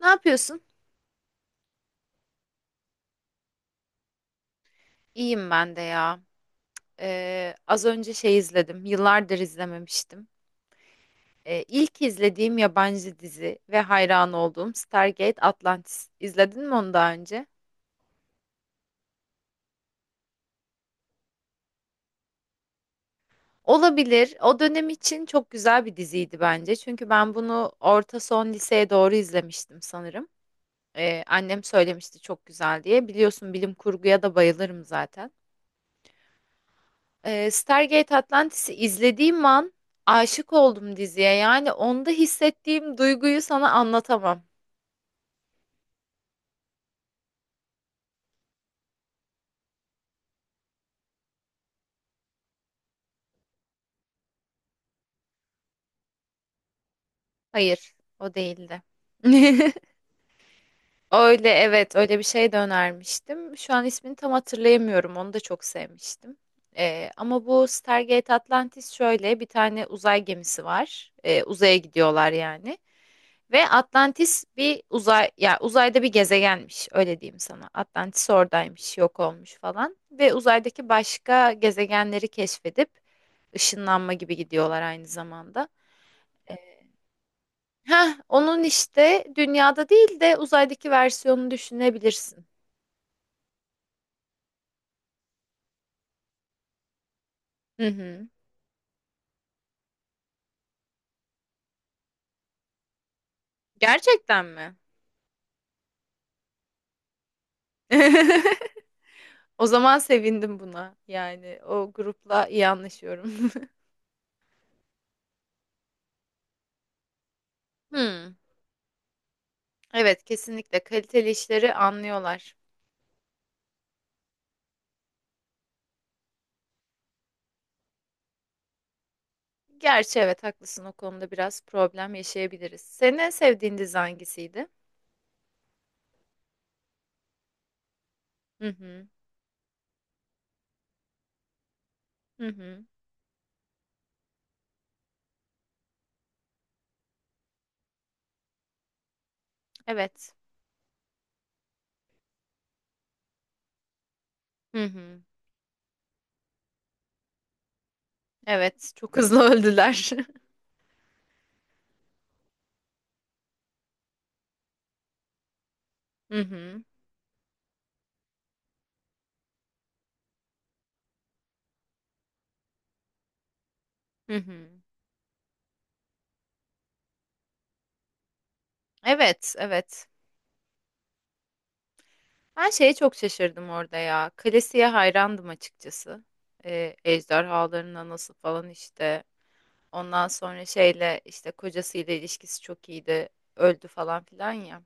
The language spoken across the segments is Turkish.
Ne yapıyorsun? İyiyim ben de ya. Az önce şey izledim. Yıllardır izlememiştim. İlk izlediğim yabancı dizi ve hayran olduğum Stargate Atlantis. İzledin mi onu daha önce? Olabilir. O dönem için çok güzel bir diziydi bence. Çünkü ben bunu orta son liseye doğru izlemiştim sanırım. Annem söylemişti çok güzel diye. Biliyorsun bilim kurguya da bayılırım zaten. Stargate Atlantis'i izlediğim an aşık oldum diziye. Yani onda hissettiğim duyguyu sana anlatamam. Hayır, o değildi. Öyle evet, öyle bir şey de önermiştim. Şu an ismini tam hatırlayamıyorum. Onu da çok sevmiştim. Ama bu Stargate Atlantis şöyle bir tane uzay gemisi var. Uzaya gidiyorlar yani. Ve Atlantis bir uzay ya uzayda bir gezegenmiş öyle diyeyim sana. Atlantis oradaymış, yok olmuş falan ve uzaydaki başka gezegenleri keşfedip ışınlanma gibi gidiyorlar aynı zamanda. E, Heh, onun işte dünyada değil de uzaydaki versiyonunu düşünebilirsin. Hı hı. Gerçekten mi? O zaman sevindim buna. Yani o grupla iyi anlaşıyorum. Hmm. Evet, kesinlikle kaliteli işleri anlıyorlar. Gerçi evet haklısın o konuda biraz problem yaşayabiliriz. Senin en sevdiğin dizi hangisiydi? Hı hı. Hı hı. Evet. Hı hı. Evet. Çok hızlı öldüler. Hı hı. Hı hı. Evet, evet. Ben şeye çok şaşırdım orada ya. Kalesi'ye hayrandım açıkçası. Ejderhaların anası falan işte. Ondan sonra şeyle işte kocasıyla ilişkisi çok iyiydi. Öldü falan filan ya.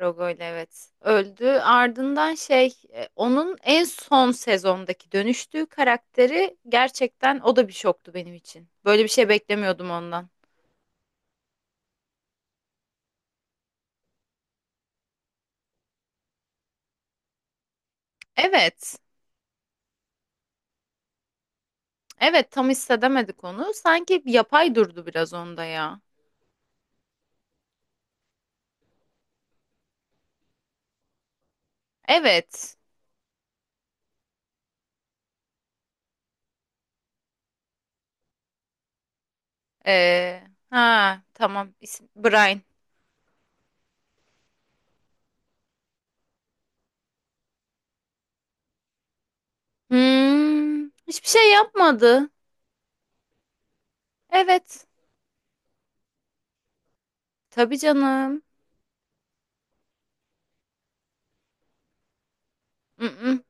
Rogoyla evet. Öldü. Ardından onun en son sezondaki dönüştüğü karakteri gerçekten o da bir şoktu benim için. Böyle bir şey beklemiyordum ondan. Evet. Evet tam hissedemedik onu. Sanki yapay durdu biraz onda ya. Evet. Ee, ha tamam. İsmi Brian. Hmm, hiçbir şey yapmadı. Evet. Tabii canım. Mm-mm.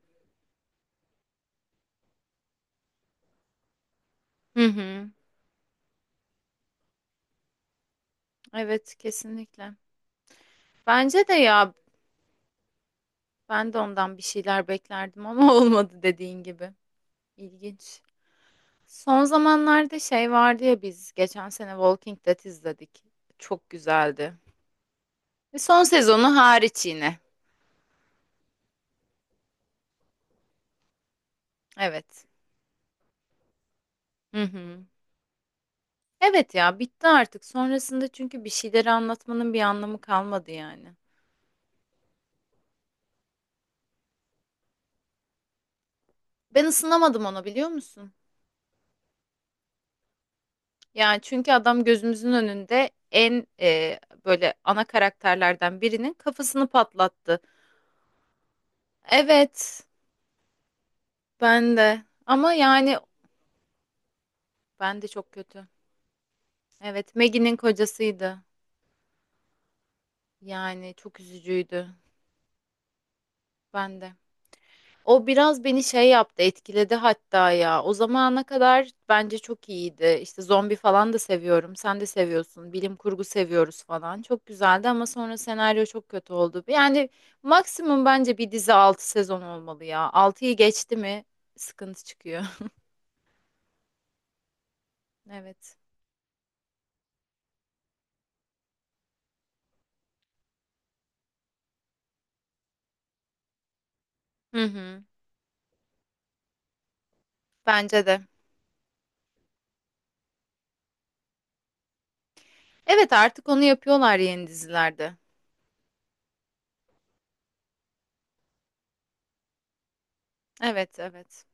Hı hı. Evet kesinlikle. Bence de ya. Ben de ondan bir şeyler beklerdim ama olmadı dediğin gibi. İlginç. Son zamanlarda şey vardı ya biz geçen sene Walking Dead izledik. Çok güzeldi. Ve son sezonu hariç yine. Evet. Hı hı. Evet ya bitti artık. Sonrasında çünkü bir şeyleri anlatmanın bir anlamı kalmadı yani. Ben ısınamadım ona biliyor musun? Yani çünkü adam gözümüzün önünde böyle ana karakterlerden birinin kafasını patlattı. Evet. Ben de. Ama yani ben de çok kötü. Evet, Maggie'nin kocasıydı. Yani çok üzücüydü. Ben de. O biraz beni şey yaptı, etkiledi hatta ya. O zamana kadar bence çok iyiydi. İşte zombi falan da seviyorum. Sen de seviyorsun. Bilim kurgu seviyoruz falan. Çok güzeldi ama sonra senaryo çok kötü oldu. Yani maksimum bence bir dizi 6 sezon olmalı ya. 6'yı geçti mi sıkıntı çıkıyor. Evet. Hı hı. Bence de. Evet artık onu yapıyorlar yeni dizilerde. Evet, evet.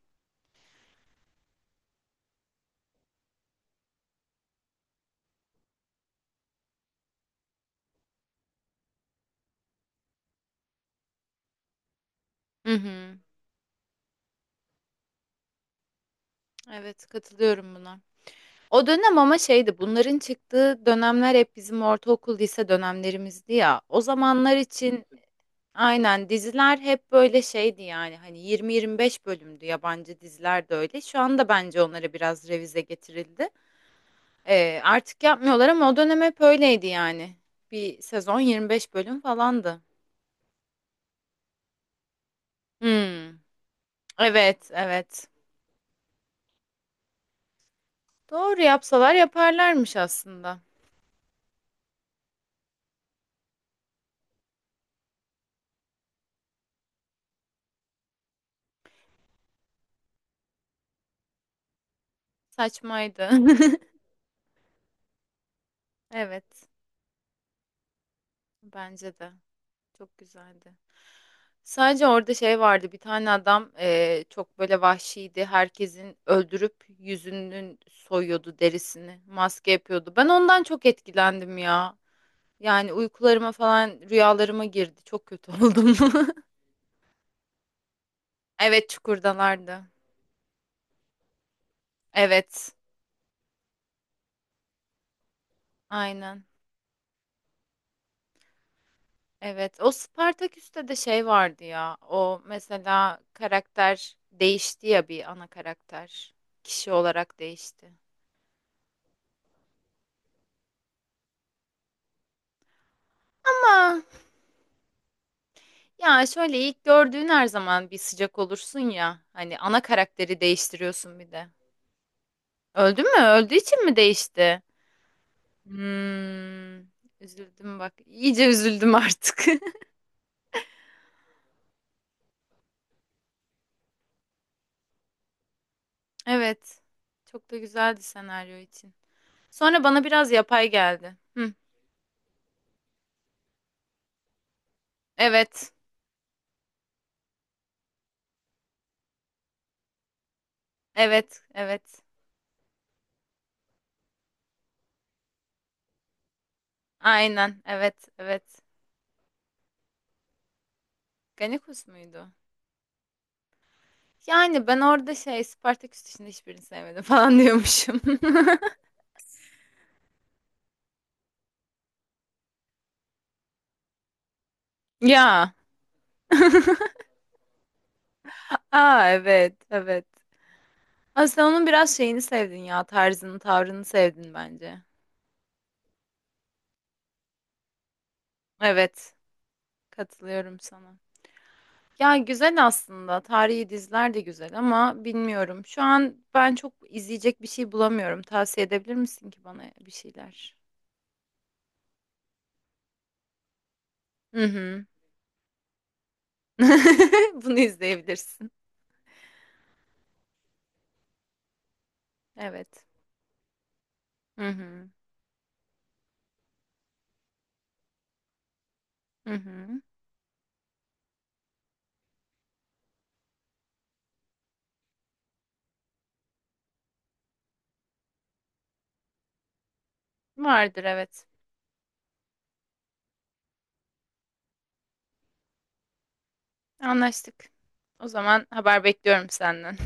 Hı hı. Evet, katılıyorum buna. O dönem ama şeydi, bunların çıktığı dönemler hep bizim ortaokul, lise dönemlerimizdi ya. O zamanlar için aynen diziler hep böyle şeydi yani. Hani 20-25 bölümdü yabancı diziler de öyle. Şu anda bence onlara biraz revize getirildi. Artık yapmıyorlar ama o dönem hep öyleydi yani. Bir sezon 25 bölüm falandı. Hmm. Evet, evet. Doğru yapsalar yaparlarmış aslında. Saçmaydı. Evet, bence de. Çok güzeldi. Sadece orada şey vardı. Bir tane adam çok böyle vahşiydi. Herkesin öldürüp yüzünün soyuyordu derisini. Maske yapıyordu. Ben ondan çok etkilendim ya. Yani uykularıma falan rüyalarıma girdi. Çok kötü oldum. Evet, çukurdalardı. Evet, aynen. Evet, o Spartaküs'te de şey vardı ya. O mesela karakter değişti ya bir ana karakter. Kişi olarak değişti. Ama ya şöyle ilk gördüğün her zaman bir sıcak olursun ya. Hani ana karakteri değiştiriyorsun bir de. Öldü mü? Öldüğü için mi değişti? Hmm, üzüldüm bak. İyice üzüldüm artık. Evet. Çok da güzeldi senaryo için. Sonra bana biraz yapay geldi. Hı, evet. Evet. Evet. Aynen. Evet. Evet. Ganikus muydu? Yani ben orada şey Spartaküs dışında hiçbirini sevmedim falan diyormuşum. Ya. Aa evet evet. Aslında onun biraz şeyini sevdin ya tarzını tavrını sevdin bence. Evet katılıyorum sana. Ya güzel aslında tarihi diziler de güzel ama bilmiyorum. Şu an ben çok izleyecek bir şey bulamıyorum. Tavsiye edebilir misin ki bana bir şeyler? Hı hı. Bunu izleyebilirsin. Evet. Hı hı. Hı hı. Vardır evet. Anlaştık. O zaman haber bekliyorum senden.